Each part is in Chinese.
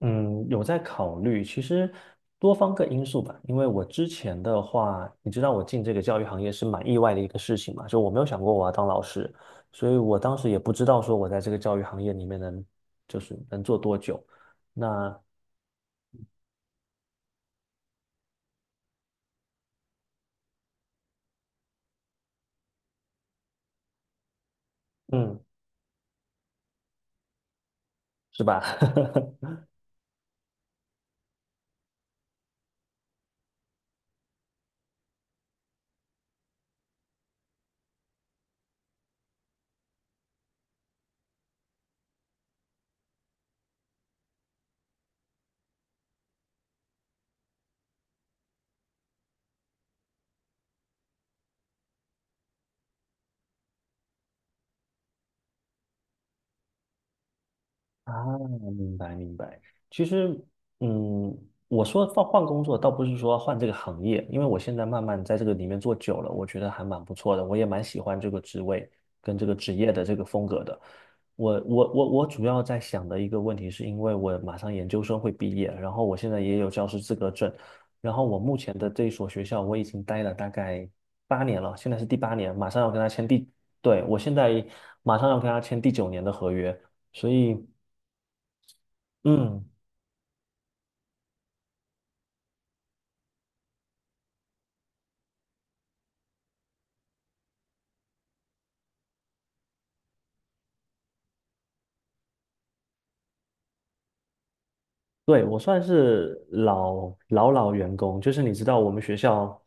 嗯，有在考虑，其实多方个因素吧。因为我之前的话，你知道我进这个教育行业是蛮意外的一个事情嘛，就我没有想过我要当老师，所以我当时也不知道说我在这个教育行业里面就是能做多久。那嗯，是吧？啊，明白明白。其实，嗯，我说换换工作，倒不是说换这个行业，因为我现在慢慢在这个里面做久了，我觉得还蛮不错的，我也蛮喜欢这个职位跟这个职业的这个风格的。我主要在想的一个问题，是因为我马上研究生会毕业，然后我现在也有教师资格证，然后我目前的这一所学校我已经待了大概八年了，现在是第八年，马上要跟他签第，对，我现在马上要跟他签第九年的合约，所以。嗯，对，我算是老老老员工，就是你知道我们学校，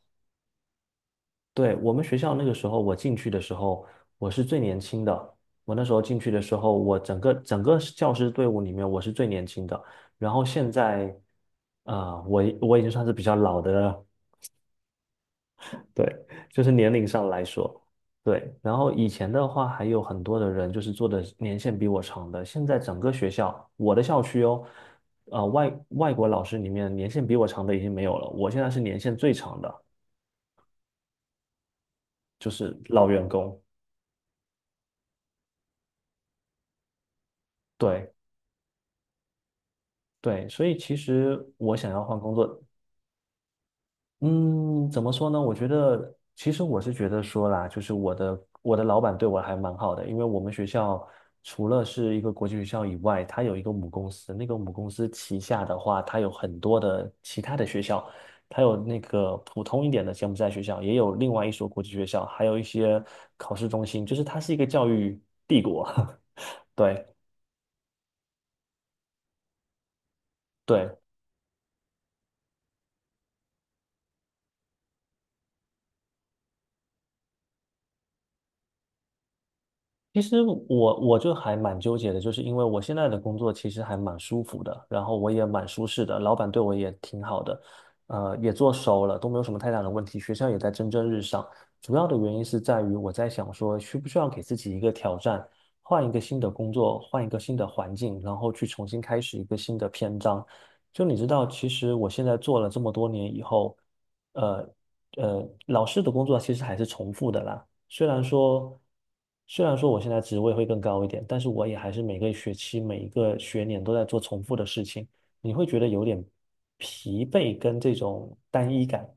对，我们学校那个时候我进去的时候，我是最年轻的。我那时候进去的时候，我整个教师队伍里面我是最年轻的。然后现在，我已经算是比较老的对，就是年龄上来说，对。然后以前的话，还有很多的人就是做的年限比我长的。现在整个学校，我的校区哦，外国老师里面年限比我长的已经没有了，我现在是年限最长的，就是老员工。对对，所以其实我想要换工作，嗯，怎么说呢？我觉得，其实我是觉得说啦，就是我的老板对我还蛮好的，因为我们学校除了是一个国际学校以外，它有一个母公司，那个母公司旗下的话，它有很多的其他的学校，它有那个普通一点的柬埔寨学校，也有另外一所国际学校，还有一些考试中心，就是它是一个教育帝国。对。对，其实我就还蛮纠结的，就是因为我现在的工作其实还蛮舒服的，然后我也蛮舒适的，老板对我也挺好的，也做熟了，都没有什么太大的问题，学校也在蒸蒸日上。主要的原因是在于我在想说，需不需要给自己一个挑战，换一个新的工作，换一个新的环境，然后去重新开始一个新的篇章。就你知道，其实我现在做了这么多年以后，呃老师的工作其实还是重复的啦。虽然说，虽然说我现在职位会更高一点，但是我也还是每个学期、每一个学年都在做重复的事情，你会觉得有点疲惫跟这种单一感。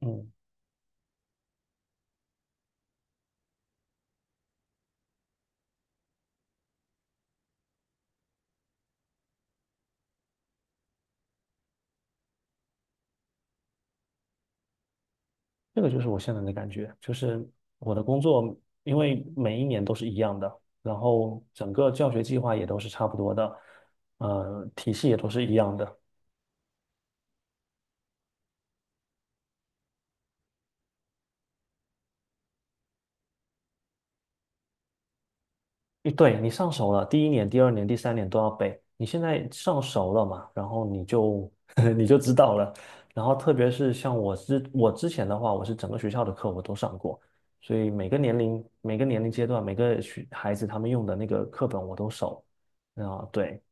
嗯，这个就是我现在的感觉，就是我的工作，因为每一年都是一样的，然后整个教学计划也都是差不多的，体系也都是一样的，一对你上手了，第一年、第二年、第三年都要背。你现在上手了嘛，然后你就 你就知道了。然后特别是像我之前的话，我是整个学校的课我都上过，所以每个年龄、每个年龄阶段、每个孩子他们用的那个课本我都熟。啊，对，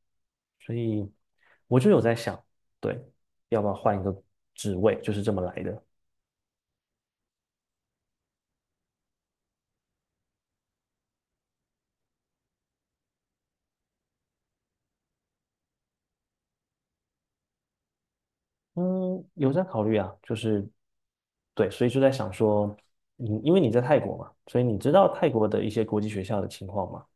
所以我就有在想，对，要不要换一个职位，就是这么来的。嗯，有在考虑啊，就是对，所以就在想说，嗯，因为你在泰国嘛，所以你知道泰国的一些国际学校的情况吗？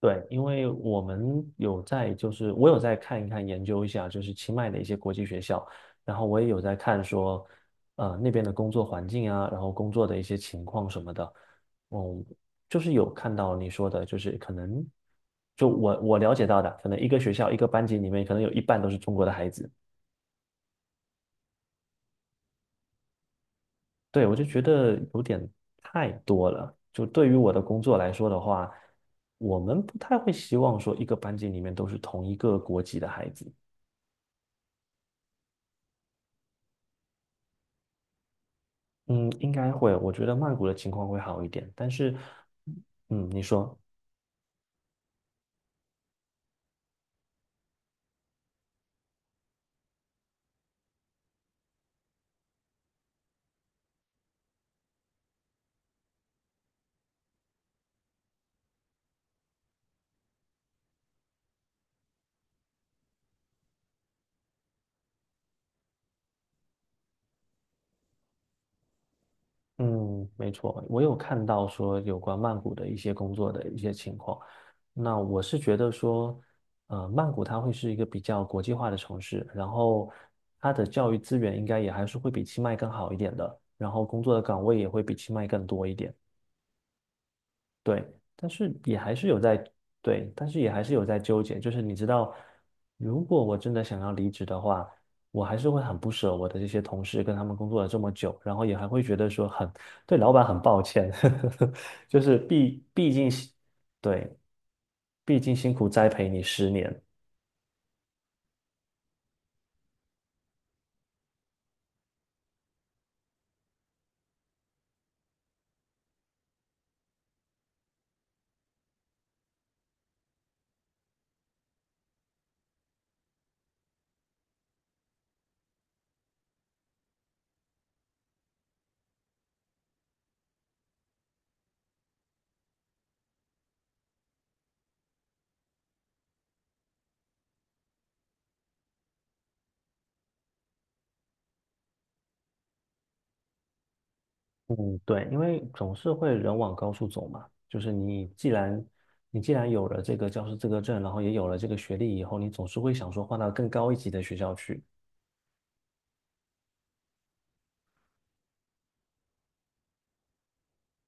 对，因为我们有在，就是我有在看一看、研究一下，就是清迈的一些国际学校，然后我也有在看说，那边的工作环境啊，然后工作的一些情况什么的，嗯，就是有看到你说的，就是可能，就我了解到的，可能一个学校一个班级里面，可能有一半都是中国的孩子。对，我就觉得有点太多了。就对于我的工作来说的话，我们不太会希望说一个班级里面都是同一个国籍的孩子。嗯，应该会。我觉得曼谷的情况会好一点，但是，嗯，你说。嗯，没错，我有看到说有关曼谷的一些工作的一些情况。那我是觉得说，曼谷它会是一个比较国际化的城市，然后它的教育资源应该也还是会比清迈更好一点的，然后工作的岗位也会比清迈更多一点。对，但是也还是有在，对，但是也还是有在纠结。就是你知道，如果我真的想要离职的话，我还是会很不舍我的这些同事，跟他们工作了这么久，然后也还会觉得说很，对老板很抱歉，就是毕竟是对，毕竟辛苦栽培你10年。嗯，对，因为总是会人往高处走嘛，就是你既然有了这个教师资格证，然后也有了这个学历以后，你总是会想说换到更高一级的学校去。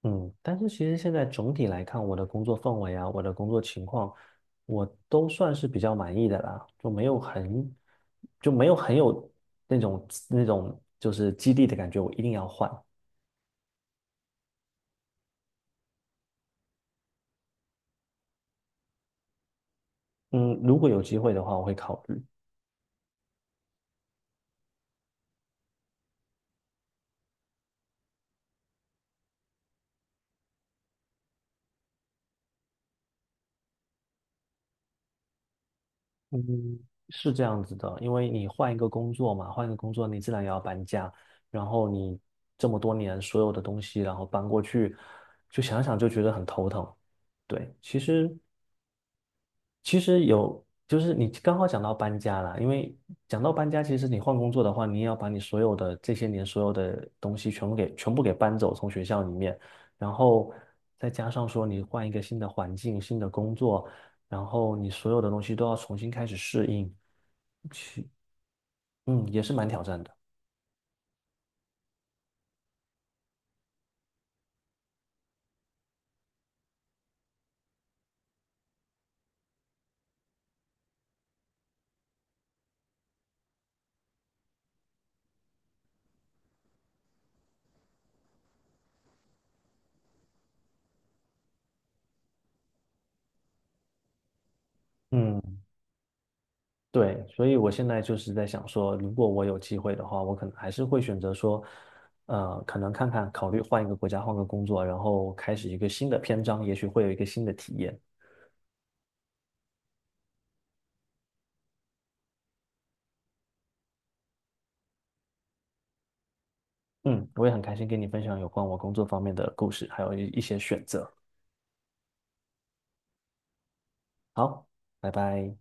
嗯，但是其实现在总体来看，我的工作氛围啊，我的工作情况，我都算是比较满意的啦，就没有很，就没有很有那种就是激励的感觉，我一定要换。嗯，如果有机会的话，我会考虑。嗯，是这样子的，因为你换一个工作嘛，换一个工作，你自然也要搬家，然后你这么多年所有的东西，然后搬过去，就想想就觉得很头疼。对，其实。其实有，就是你刚好讲到搬家啦，因为讲到搬家，其实你换工作的话，你也要把你所有的这些年所有的东西全部给搬走，从学校里面，然后再加上说你换一个新的环境、新的工作，然后你所有的东西都要重新开始适应，去，嗯也是蛮挑战的。嗯。对，所以我现在就是在想说，如果我有机会的话，我可能还是会选择说，可能看看，考虑换一个国家，换个工作，然后开始一个新的篇章，也许会有一个新的体验。嗯，我也很开心跟你分享有关我工作方面的故事，还有一些选择。好，拜拜。